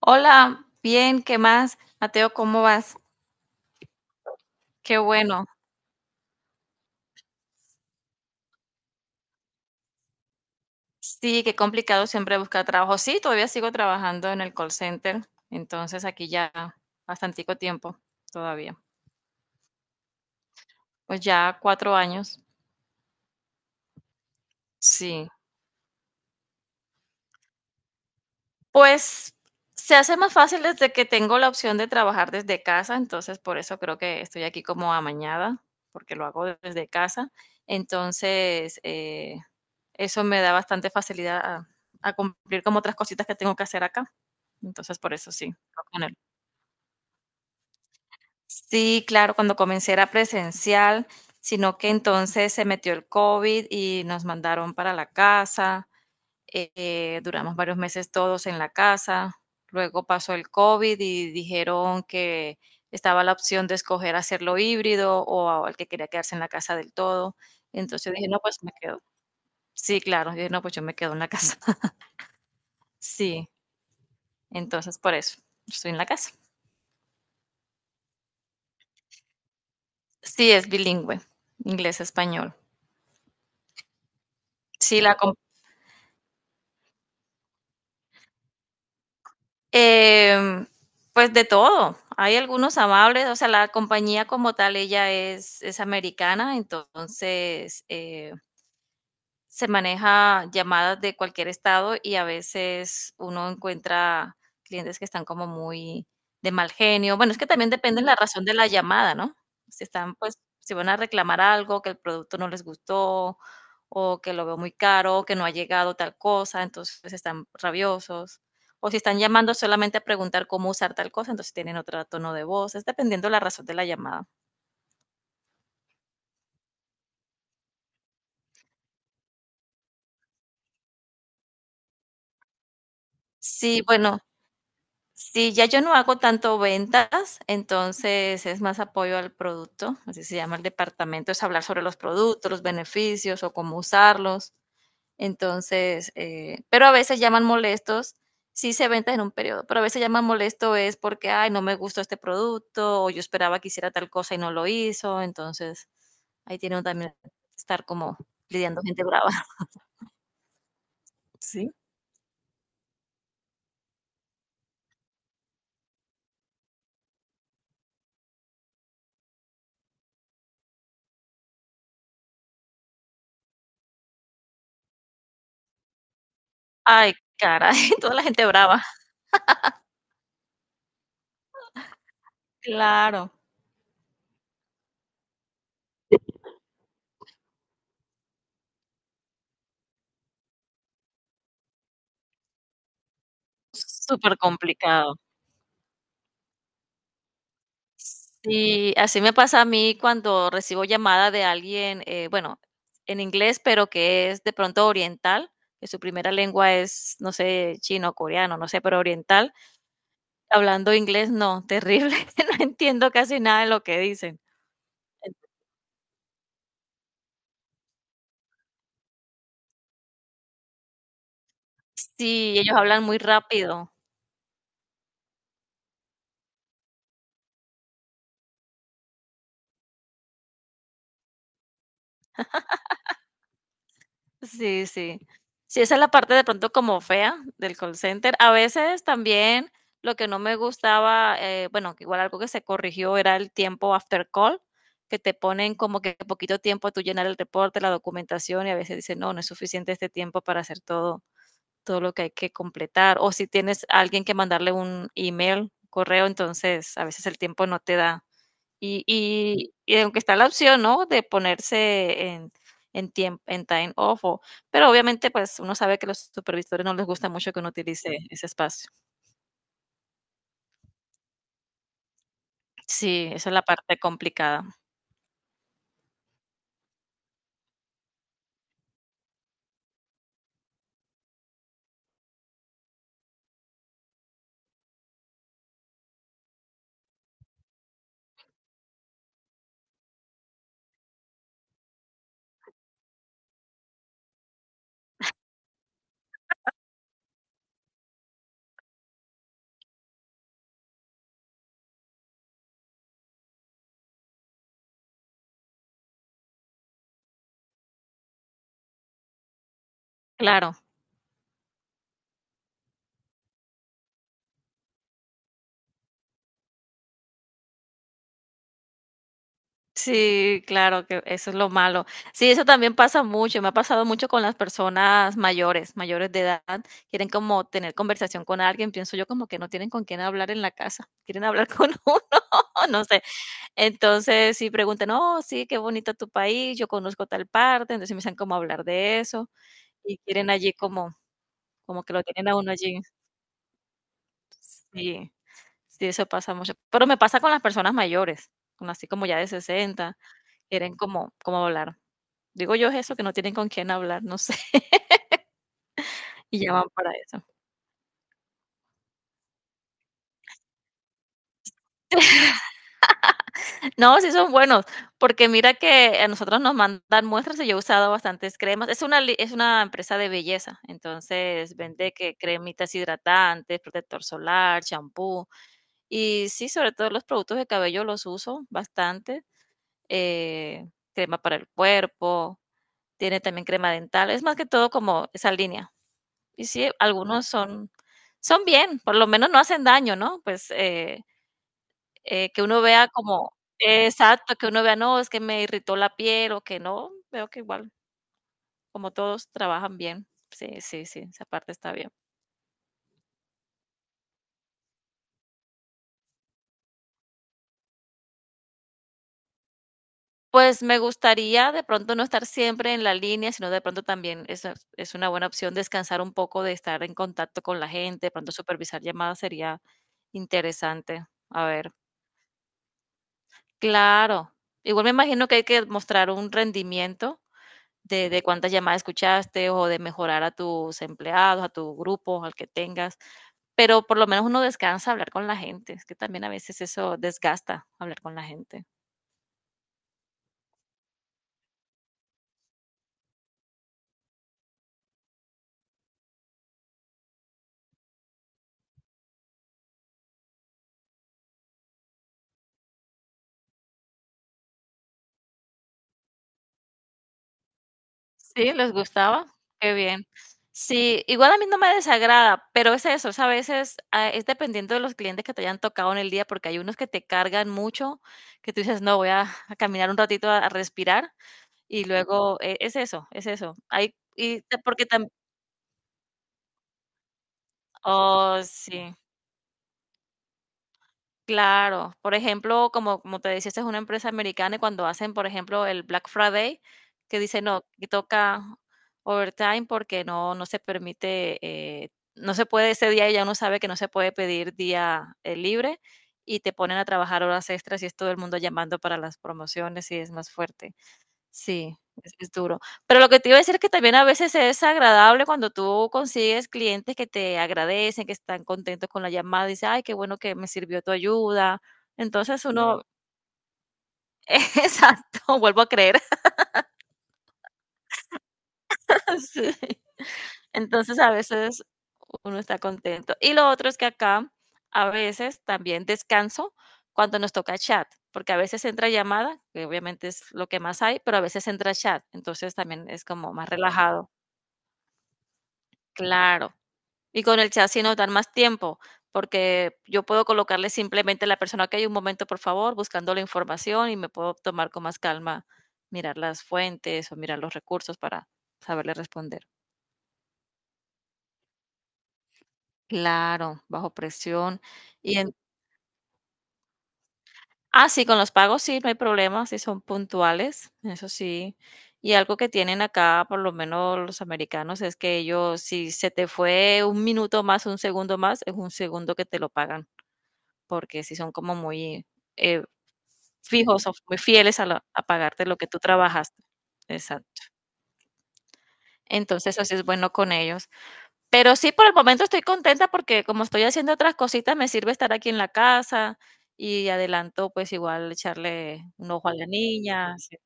Hola, bien, ¿qué más? Mateo, ¿cómo vas? Qué bueno. Sí, qué complicado siempre buscar trabajo. Sí, todavía sigo trabajando en el call center, entonces aquí ya bastantico tiempo todavía. Pues ya 4 años. Sí. Pues se hace más fácil desde que tengo la opción de trabajar desde casa, entonces por eso creo que estoy aquí como amañada, porque lo hago desde casa. Entonces, eso me da bastante facilidad a cumplir como otras cositas que tengo que hacer acá. Entonces, por eso sí, fue con él. Sí, claro, cuando comencé era presencial, sino que entonces se metió el COVID y nos mandaron para la casa. Duramos varios meses todos en la casa. Luego pasó el COVID y dijeron que estaba la opción de escoger hacerlo híbrido o al que quería quedarse en la casa del todo. Entonces yo dije, no, pues me quedo. Sí, claro. Yo dije, no, pues yo me quedo en la casa. Sí, entonces por eso estoy en la casa. Sí, es bilingüe, inglés-español. Sí, em, pues de todo. Hay algunos amables, o sea, la compañía como tal, ella es americana, entonces, se maneja llamadas de cualquier estado y a veces uno encuentra clientes que están como muy de mal genio. Bueno, es que también depende de la razón de la llamada, ¿no? Si están, pues, si van a reclamar algo, que el producto no les gustó, o que lo veo muy caro, o que no ha llegado tal cosa, entonces pues, están rabiosos. O si están llamando solamente a preguntar cómo usar tal cosa, entonces tienen otro tono de voz. Es dependiendo la razón de la llamada. Sí, bueno, sí, ya yo no hago tanto ventas, entonces es más apoyo al producto, así se llama el departamento, es hablar sobre los productos, los beneficios o cómo usarlos. Entonces, pero a veces llaman molestos, sí se ventas en un periodo, pero a veces llaman molesto es porque, ay, no me gustó este producto o yo esperaba que hiciera tal cosa y no lo hizo, entonces ahí tiene uno también que estar como lidiando gente brava. ¿Sí? Ay, caray, toda la gente brava. Claro, súper complicado. Sí, así me pasa a mí cuando recibo llamada de alguien, bueno, en inglés, pero que es de pronto oriental, que su primera lengua es, no sé, chino, coreano, no sé, pero oriental. Hablando inglés, no, terrible, no entiendo casi nada de lo que dicen. Sí, ellos hablan muy rápido. Sí, sí. Sí, esa es la parte de pronto como fea del call center. A veces también lo que no me gustaba, bueno, que igual algo que se corrigió era el tiempo after call, que te ponen como que poquito tiempo a tú llenar el reporte, la documentación y a veces dicen, no, no es suficiente este tiempo para hacer todo, todo lo que hay que completar. O si tienes a alguien que mandarle un email, correo, entonces a veces el tiempo no te da. Y aunque está la opción, ¿no?, de ponerse en time off o pero obviamente, pues, uno sabe que los supervisores no les gusta mucho que uno utilice ese espacio. Sí, esa es la parte complicada. Claro. Sí, claro que eso es lo malo. Sí, eso también pasa mucho, me ha pasado mucho con las personas mayores, mayores de edad, quieren como tener conversación con alguien, pienso yo como que no tienen con quién hablar en la casa, quieren hablar con uno, no sé. Entonces, sí preguntan: "No, sí, qué bonito tu país, yo conozco tal parte", entonces empiezan como a hablar de eso, y quieren allí como que lo tienen a uno allí. Sí, sí, eso pasa mucho. Pero me pasa con las personas mayores, como así como ya de 60, quieren como hablar. Digo yo es eso, que no tienen con quién hablar, no sé, y llaman para eso. No, sí son buenos, porque mira que a nosotros nos mandan muestras y yo he usado bastantes cremas. Es una, li- es una empresa de belleza, entonces vende que cremitas hidratantes, protector solar, champú. Y sí, sobre todo los productos de cabello los uso bastante. Eh, crema para el cuerpo, tiene también crema dental. Es más que todo como esa línea. Y sí, algunos son, son bien, por lo menos no hacen daño, ¿no? Pues que uno vea como exacto, que uno vea, no, es que me irritó la piel o que no, veo que igual, como todos trabajan bien. Sí, sí, sí, esa parte está bien. Pues me gustaría de pronto no estar siempre en la línea, sino de pronto también eso es una buena opción descansar un poco de estar en contacto con la gente, de pronto supervisar llamadas sería interesante. A ver, claro. Igual me imagino que hay que mostrar un rendimiento de cuántas llamadas escuchaste o de mejorar a tus empleados, a tu grupo, al que tengas, pero por lo menos uno descansa hablar con la gente, es que también a veces eso desgasta hablar con la gente. Sí, les gustaba, qué bien. Sí, igual a mí no me desagrada, pero es eso, es a veces es dependiendo de los clientes que te hayan tocado en el día, porque hay unos que te cargan mucho, que tú dices, no, voy a caminar un ratito a respirar, y luego e- es eso, es eso. Porque también, oh, sí. Claro, por ejemplo, como, como te decía, esta es una empresa americana y cuando hacen, por ejemplo, el Black Friday, que dice no, que toca overtime porque no, no se permite, no se puede ese día y ya uno sabe que no se puede pedir día libre y te ponen a trabajar horas extras y es todo el mundo llamando para las promociones y es más fuerte. Sí, es duro. Pero lo que te iba a decir es que también a veces es agradable cuando tú consigues clientes que te agradecen, que están contentos con la llamada, dice, ay, qué bueno que me sirvió tu ayuda. Entonces uno, exacto, vuelvo a creer. Sí. Entonces a veces uno está contento. Y lo otro es que acá a veces también descanso cuando nos toca chat, porque a veces entra llamada, que obviamente es lo que más hay, pero a veces entra chat. Entonces también es como más relajado. Claro. Y con el chat sí nos dan más tiempo, porque yo puedo colocarle simplemente a la persona que hay un momento, por favor, buscando la información y me puedo tomar con más calma, mirar las fuentes o mirar los recursos para saberle responder. Claro, bajo presión. Y en ah, sí, con los pagos sí, no hay problema, sí son puntuales, eso sí. Y algo que tienen acá, por lo menos los americanos, es que ellos, si se te fue un minuto más, un segundo más, es un segundo que te lo pagan. Porque si son como muy eh, fijos o muy fieles a, la- a pagarte lo que tú trabajaste. Exacto. Entonces, así es bueno con ellos. Pero sí, por el momento estoy contenta porque como estoy haciendo otras cositas, me sirve estar aquí en la casa y adelanto, pues igual echarle un ojo a la niña. Sí.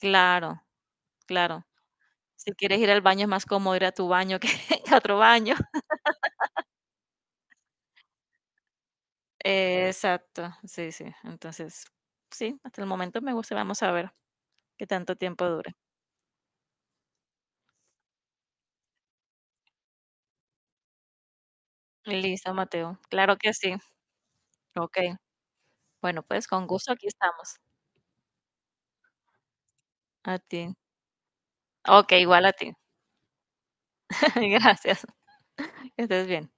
Claro, claro. Si quieres ir al baño es más cómodo ir a tu baño que a otro baño. Exacto, sí, sí. Entonces, sí, hasta el momento me gusta. Vamos a ver qué tanto tiempo dura. Listo, Mateo. Claro que sí. Okey. Bueno, pues, con gusto aquí estamos. A ti. Okey, igual a ti. Gracias. Que estés bien.